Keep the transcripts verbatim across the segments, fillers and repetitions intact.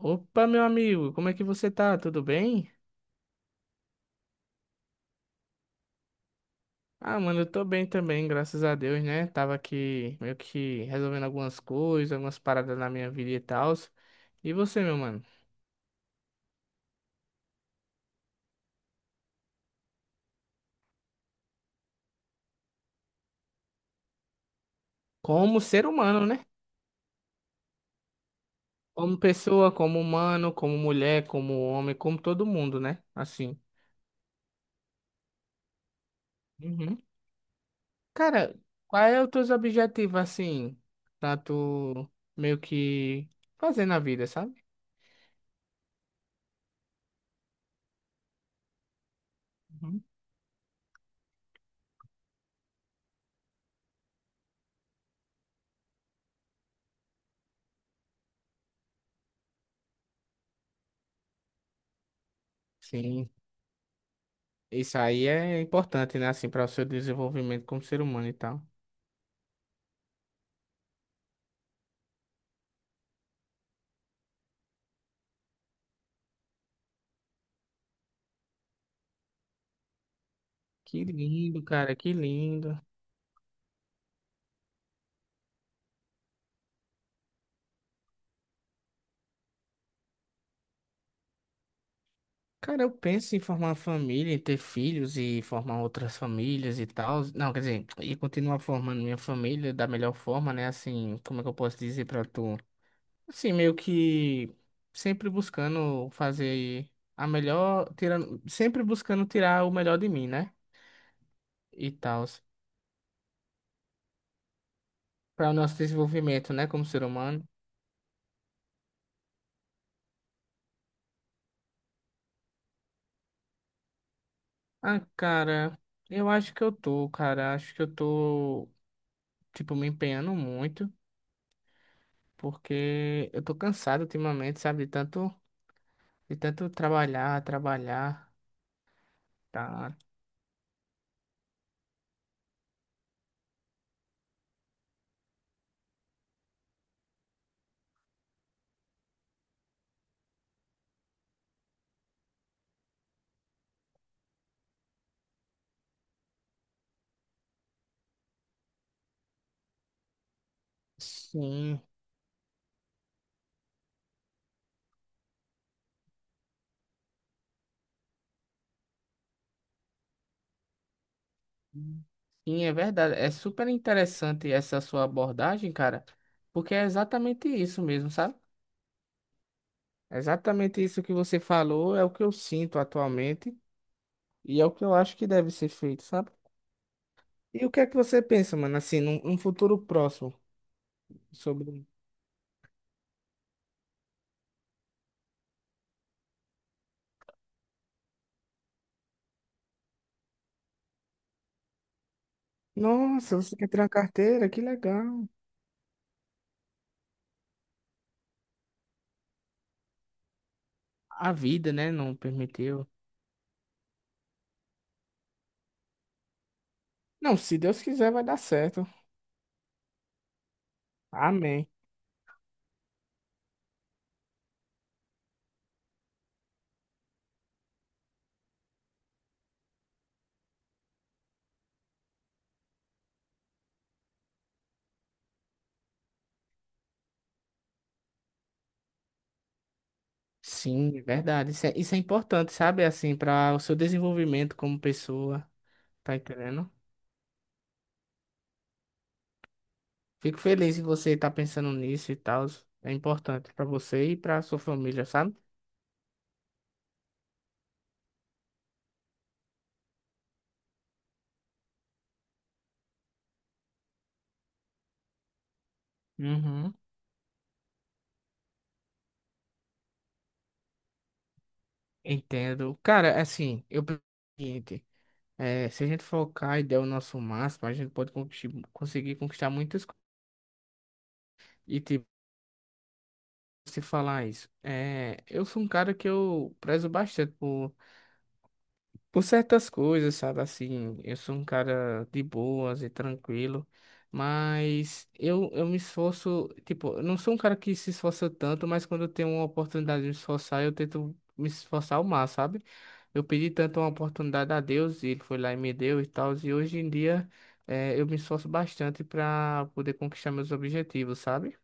Opa, meu amigo, como é que você tá? Tudo bem? Ah, mano, eu tô bem também, graças a Deus, né? Tava aqui meio que resolvendo algumas coisas, algumas paradas na minha vida e tal. E você, meu mano? Como ser humano, né? Como pessoa, como humano, como mulher, como homem, como todo mundo, né? Assim. Uhum. Cara, quais são os teus objetivos, assim, pra tu meio que fazer na vida, sabe? Uhum. Sim. Isso aí é importante, né? Assim, para o seu desenvolvimento como ser humano e tal. Que lindo, cara, que lindo. Cara, eu penso em formar uma família, em ter filhos e formar outras famílias e tal. Não, quer dizer, e continuar formando minha família da melhor forma, né? Assim, como é que eu posso dizer pra tu? Assim, meio que sempre buscando fazer a melhor, tirando, sempre buscando tirar o melhor de mim, né? E tal, para o nosso desenvolvimento, né, como ser humano. Ah, cara, eu acho que eu tô, cara. Acho que eu tô, tipo, me empenhando muito, porque eu tô cansado ultimamente, sabe? De tanto, de tanto trabalhar, trabalhar, tá? Sim. Sim, é verdade. É super interessante essa sua abordagem, cara, porque é exatamente isso mesmo, sabe? É exatamente isso que você falou é o que eu sinto atualmente e é o que eu acho que deve ser feito, sabe? E o que é que você pensa, mano, assim, num, num futuro próximo? Sobre Nossa, você quer tirar uma carteira? Que legal. A vida, né, não permitiu. Não, se Deus quiser, vai dar certo. Amém. Sim, é verdade. Isso é, isso é importante, sabe? Assim, para o seu desenvolvimento como pessoa, tá entendendo? Fico feliz em você estar pensando nisso e tal. É importante para você e para sua família, sabe? Uhum. Entendo. Cara, assim, eu penso o seguinte, é, se a gente focar e der o nosso máximo, a gente pode conquistar, conseguir conquistar muitas coisas. Se falar isso. É, eu sou um cara que eu prezo bastante por, por certas coisas, sabe? Assim, eu sou um cara de boas e tranquilo, mas eu, eu me esforço, tipo, eu não sou um cara que se esforça tanto, mas quando eu tenho uma oportunidade de me esforçar, eu tento me esforçar ao máximo, sabe? Eu pedi tanto uma oportunidade a Deus e ele foi lá e me deu e tal, e hoje em dia é, eu me esforço bastante para poder conquistar meus objetivos, sabe?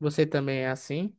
Você também é assim?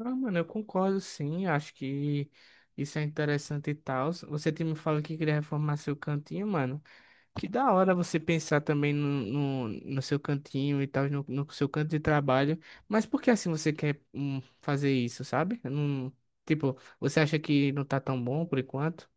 Ah, mano, eu concordo sim, acho que isso é interessante e tal. Você tinha me falado que queria reformar seu cantinho, mano. Que da hora você pensar também no, no, no seu cantinho e tal, no, no seu canto de trabalho. Mas por que assim você quer hum, fazer isso, sabe? Eu não, tipo, você acha que não tá tão bom por enquanto?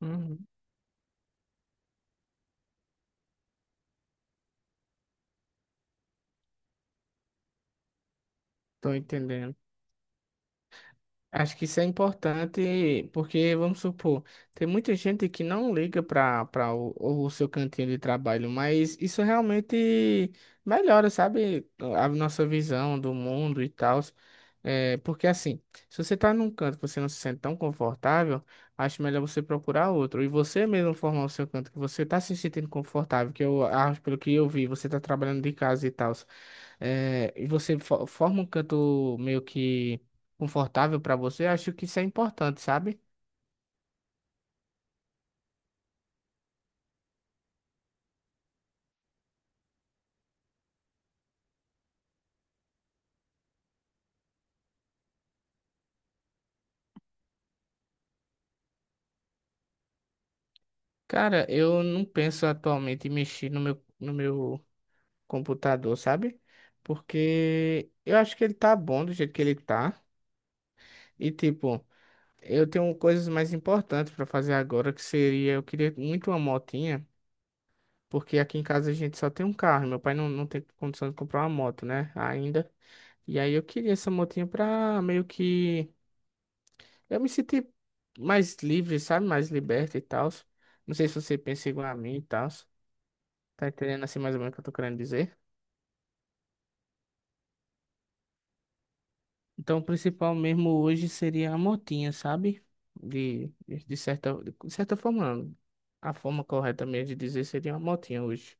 Uhum. Tô entendendo. Acho que isso é importante porque, vamos supor, tem muita gente que não liga para para o, o seu cantinho de trabalho, mas isso realmente melhora, sabe, a nossa visão do mundo e tal. É, porque assim, se você tá num canto que você não se sente tão confortável, acho melhor você procurar outro. E você mesmo formar o seu canto que você tá se sentindo confortável, que eu acho, pelo que eu vi, você tá trabalhando de casa e tal é, e você fo- forma um canto meio que confortável pra você, acho que isso é importante, sabe? Cara, eu não penso atualmente em mexer no meu, no meu computador, sabe? Porque eu acho que ele tá bom do jeito que ele tá. E tipo, eu tenho coisas mais importantes pra fazer agora, que seria, eu queria muito uma motinha, porque aqui em casa a gente só tem um carro, meu pai não, não tem condição de comprar uma moto, né? Ainda. E aí eu queria essa motinha pra meio que eu me senti mais livre, sabe? Mais liberta e tal. Não sei se você pensa igual a mim e tal. Tá entendendo assim mais ou menos o que eu tô querendo dizer? Então, o principal mesmo hoje seria a motinha, sabe? De, de certa, de certa forma, não. A forma correta mesmo de dizer seria uma motinha hoje.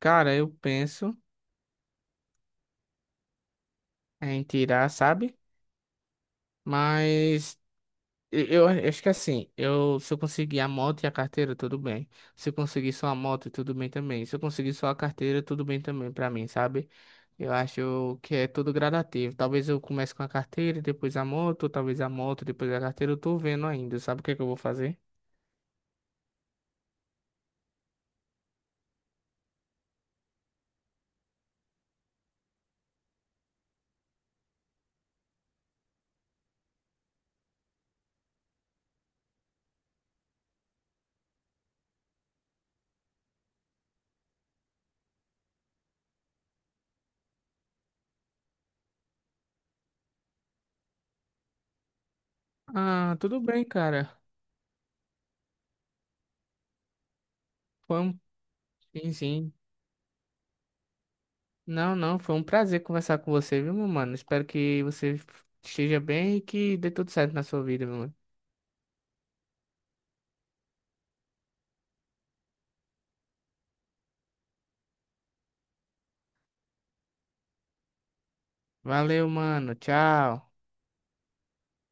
Cara, eu penso em tirar, sabe? Mas Eu, eu acho que assim, eu, se eu conseguir a moto e a carteira, tudo bem. Se eu conseguir só a moto, tudo bem também. Se eu conseguir só a carteira, tudo bem também pra mim, sabe? Eu acho que é tudo gradativo. Talvez eu comece com a carteira e depois a moto, talvez a moto, depois a carteira. Eu tô vendo ainda, sabe o que é que eu vou fazer? Ah, tudo bem, cara. Foi um... Sim, sim. Não, não, foi um prazer conversar com você, viu, meu mano? Espero que você esteja bem e que dê tudo certo na sua vida, meu mano. Valeu, mano. Tchau.